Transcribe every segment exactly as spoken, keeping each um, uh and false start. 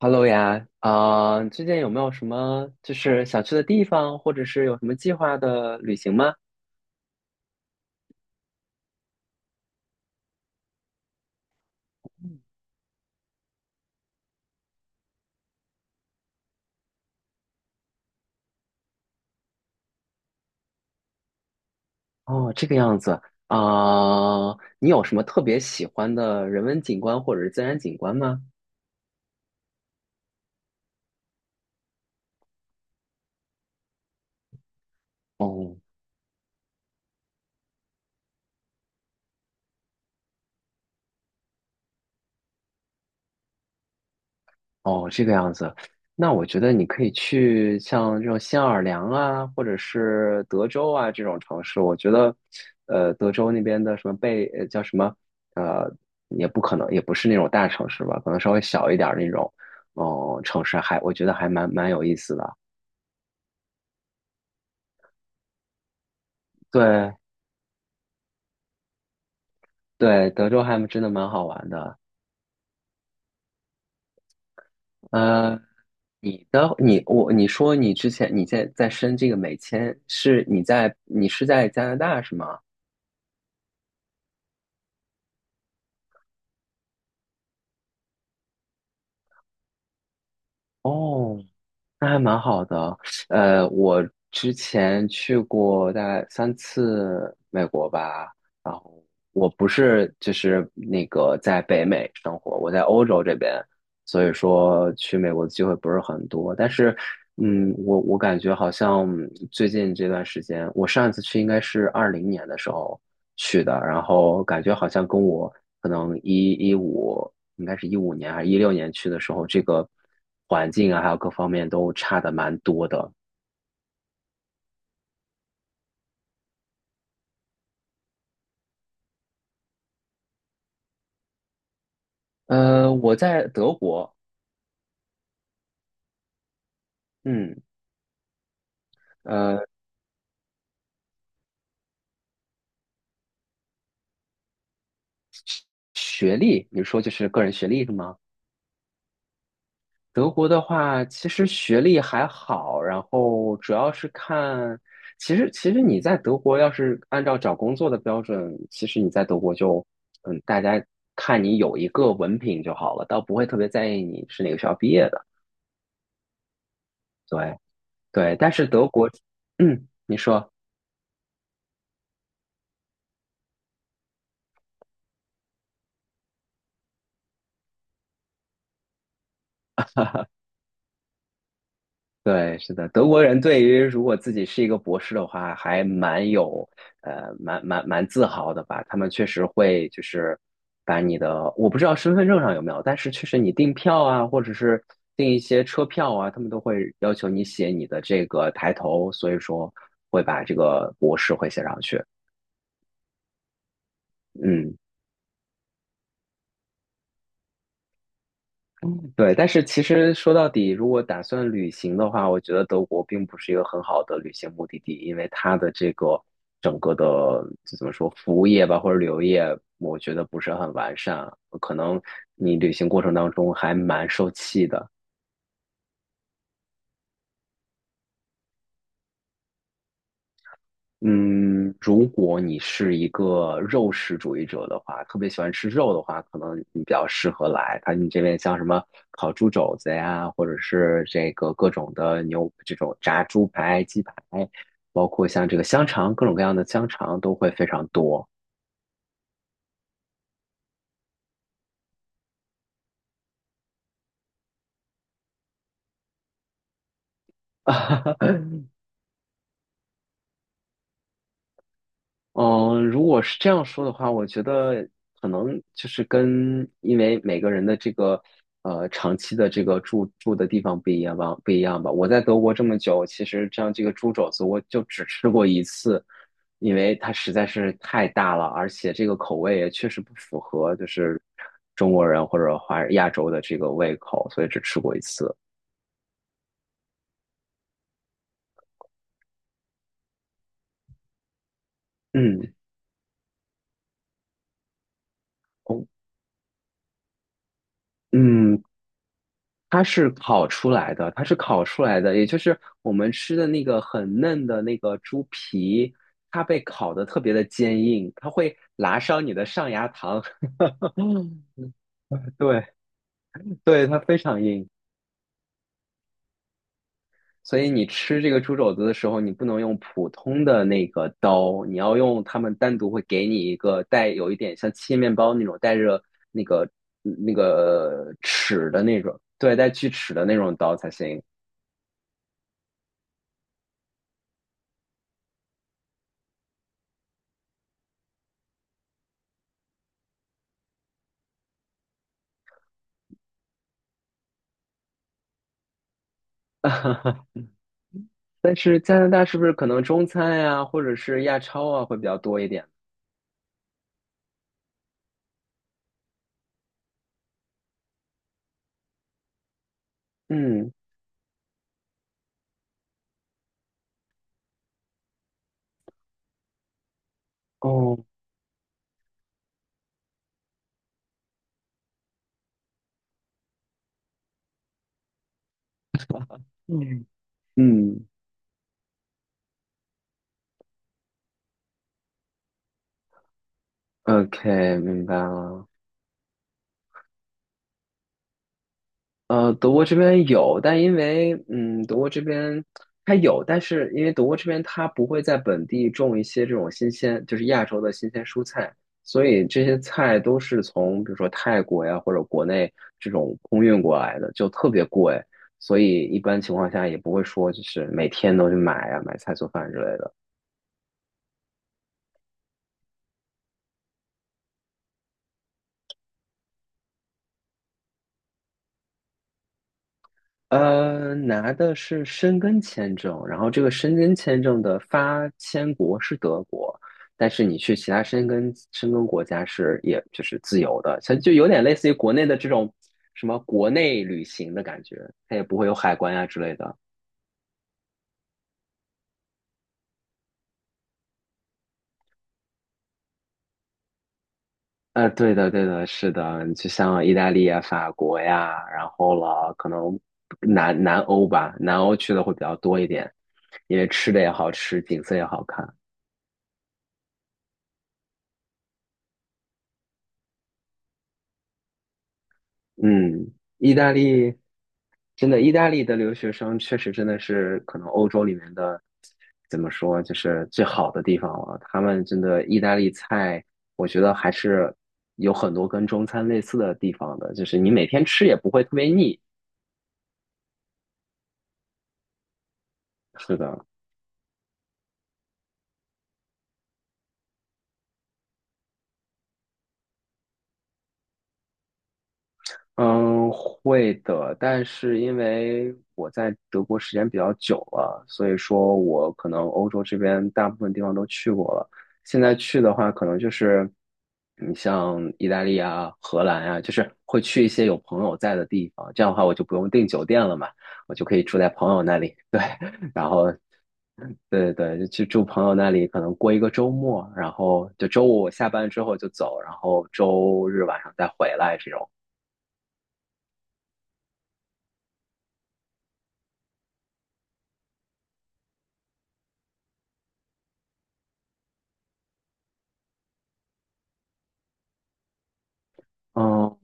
Hello 呀，啊、最近有没有什么就是想去的地方，或者是有什么计划的旅行吗？哦，这个样子。啊、你有什么特别喜欢的人文景观或者是自然景观吗？哦，哦，这个样子，那我觉得你可以去像这种新奥尔良啊，或者是德州啊这种城市。我觉得，呃，德州那边的什么贝，呃叫什么，呃，也不可能，也不是那种大城市吧，可能稍微小一点儿那种，哦、城市还我觉得还蛮蛮有意思的。对对，德州还真的蛮好玩的。呃，你的你我你说你之前你在在申这个美签，是你在你是在加拿大是吗？哦，那还蛮好的。呃，我之前去过大概三次美国吧，然后我不是就是那个在北美生活，我在欧洲这边，所以说去美国的机会不是很多。但是，嗯，我我感觉好像最近这段时间，我上一次去应该是二零年的时候去的，然后感觉好像跟我可能一一五应该是一五年还是一六年去的时候，这个环境啊，还有各方面都差的蛮多的。呃，我在德国，嗯，呃，学历，你说就是个人学历是吗？德国的话，其实学历还好，然后主要是看，其实其实你在德国要是按照找工作的标准，其实你在德国就，嗯，大家看你有一个文凭就好了，倒不会特别在意你是哪个学校毕业的。对，对，但是德国，嗯，你说，对，是的，德国人对于如果自己是一个博士的话，还蛮有，呃，蛮蛮蛮自豪的吧。他们确实会就是把你的，我不知道身份证上有没有，但是确实你订票啊，或者是订一些车票啊，他们都会要求你写你的这个抬头，所以说会把这个博士会写上去。嗯。嗯，对，但是其实说到底，如果打算旅行的话，我觉得德国并不是一个很好的旅行目的地，因为它的这个整个的就怎么说，服务业吧或者旅游业，我觉得不是很完善，可能你旅行过程当中还蛮受气的。嗯，如果你是一个肉食主义者的话，特别喜欢吃肉的话，可能你比较适合来。它你这边像什么烤猪肘子呀，或者是这个各种的牛，这种炸猪排、鸡排，包括像这个香肠，各种各样的香肠都会非常多。嗯，如果是这样说的话，我觉得可能就是跟因为每个人的这个呃长期的这个住住的地方不一样吧，不一样吧。我在德国这么久，其实像这个猪肘子，我就只吃过一次，因为它实在是太大了，而且这个口味也确实不符合就是中国人或者华亚洲的这个胃口，所以只吃过一次。嗯。哦嗯，它是烤出来的，它是烤出来的，也就是我们吃的那个很嫩的那个猪皮，它被烤得特别的坚硬，它会拉伤你的上牙膛。对对，它非常硬，所以你吃这个猪肘子的时候，你不能用普通的那个刀，你要用他们单独会给你一个带有一点像切面包那种带着那个那个齿的那种，对，带锯齿的那种刀才行。但是加拿大是不是可能中餐呀、或者是亚超啊会比较多一点？嗯，哦，嗯嗯，OK，明白了。呃，德国这边有，但因为嗯，德国这边它有，但是因为德国这边它不会在本地种一些这种新鲜，就是亚洲的新鲜蔬菜，所以这些菜都是从比如说泰国呀或者国内这种空运过来的，就特别贵，所以一般情况下也不会说就是每天都去买呀、买菜做饭之类的。呃，拿的是申根签证，然后这个申根签证的发签国是德国，但是你去其他申根申根国家是也就是自由的，像就有点类似于国内的这种什么国内旅行的感觉，它也不会有海关呀之类的。呃，对的，对的，是的，就像意大利呀、法国呀，然后了，可能南南欧吧，南欧去的会比较多一点，因为吃的也好吃，景色也好看。嗯，意大利真的，意大利的留学生确实真的是可能欧洲里面的怎么说，就是最好的地方了。他们真的意大利菜，我觉得还是有很多跟中餐类似的地方的，就是你每天吃也不会特别腻。是的，嗯，会的，但是因为我在德国时间比较久了，所以说我可能欧洲这边大部分地方都去过了。现在去的话，可能就是你像意大利啊、荷兰啊，就是会去一些有朋友在的地方。这样的话，我就不用订酒店了嘛，我就可以住在朋友那里。对，然后对对对，就去住朋友那里，可能过一个周末，然后就周五我下班之后就走，然后周日晚上再回来这种。嗯，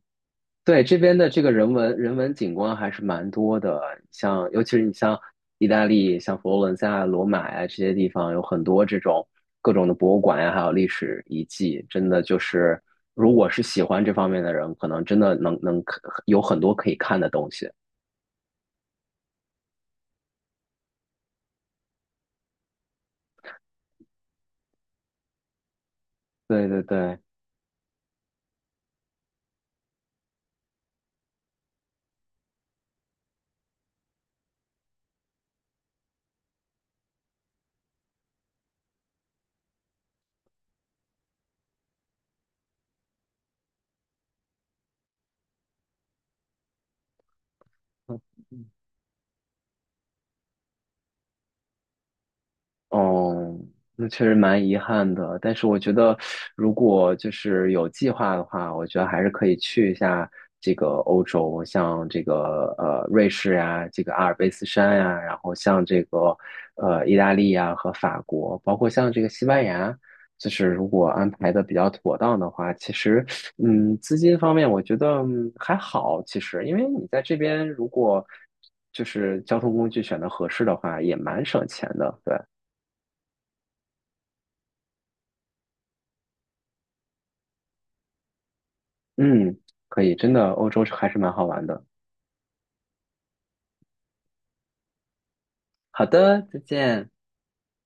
对，这边的这个人文人文景观还是蛮多的，像尤其是你像意大利，像佛罗伦萨啊罗马呀、这些地方，有很多这种各种的博物馆呀、还有历史遗迹，真的就是如果是喜欢这方面的人，可能真的能能有很多可以看的东西。对对对，哦，那确实蛮遗憾的。但是我觉得，如果就是有计划的话，我觉得还是可以去一下这个欧洲，像这个呃瑞士呀、这个阿尔卑斯山呀、然后像这个呃意大利呀、和法国，包括像这个西班牙。就是如果安排的比较妥当的话，其实，嗯，资金方面我觉得嗯还好，其实，因为你在这边如果就是交通工具选的合适的话，也蛮省钱的，对。嗯，可以，真的，欧洲还是蛮好玩的。好的，再见。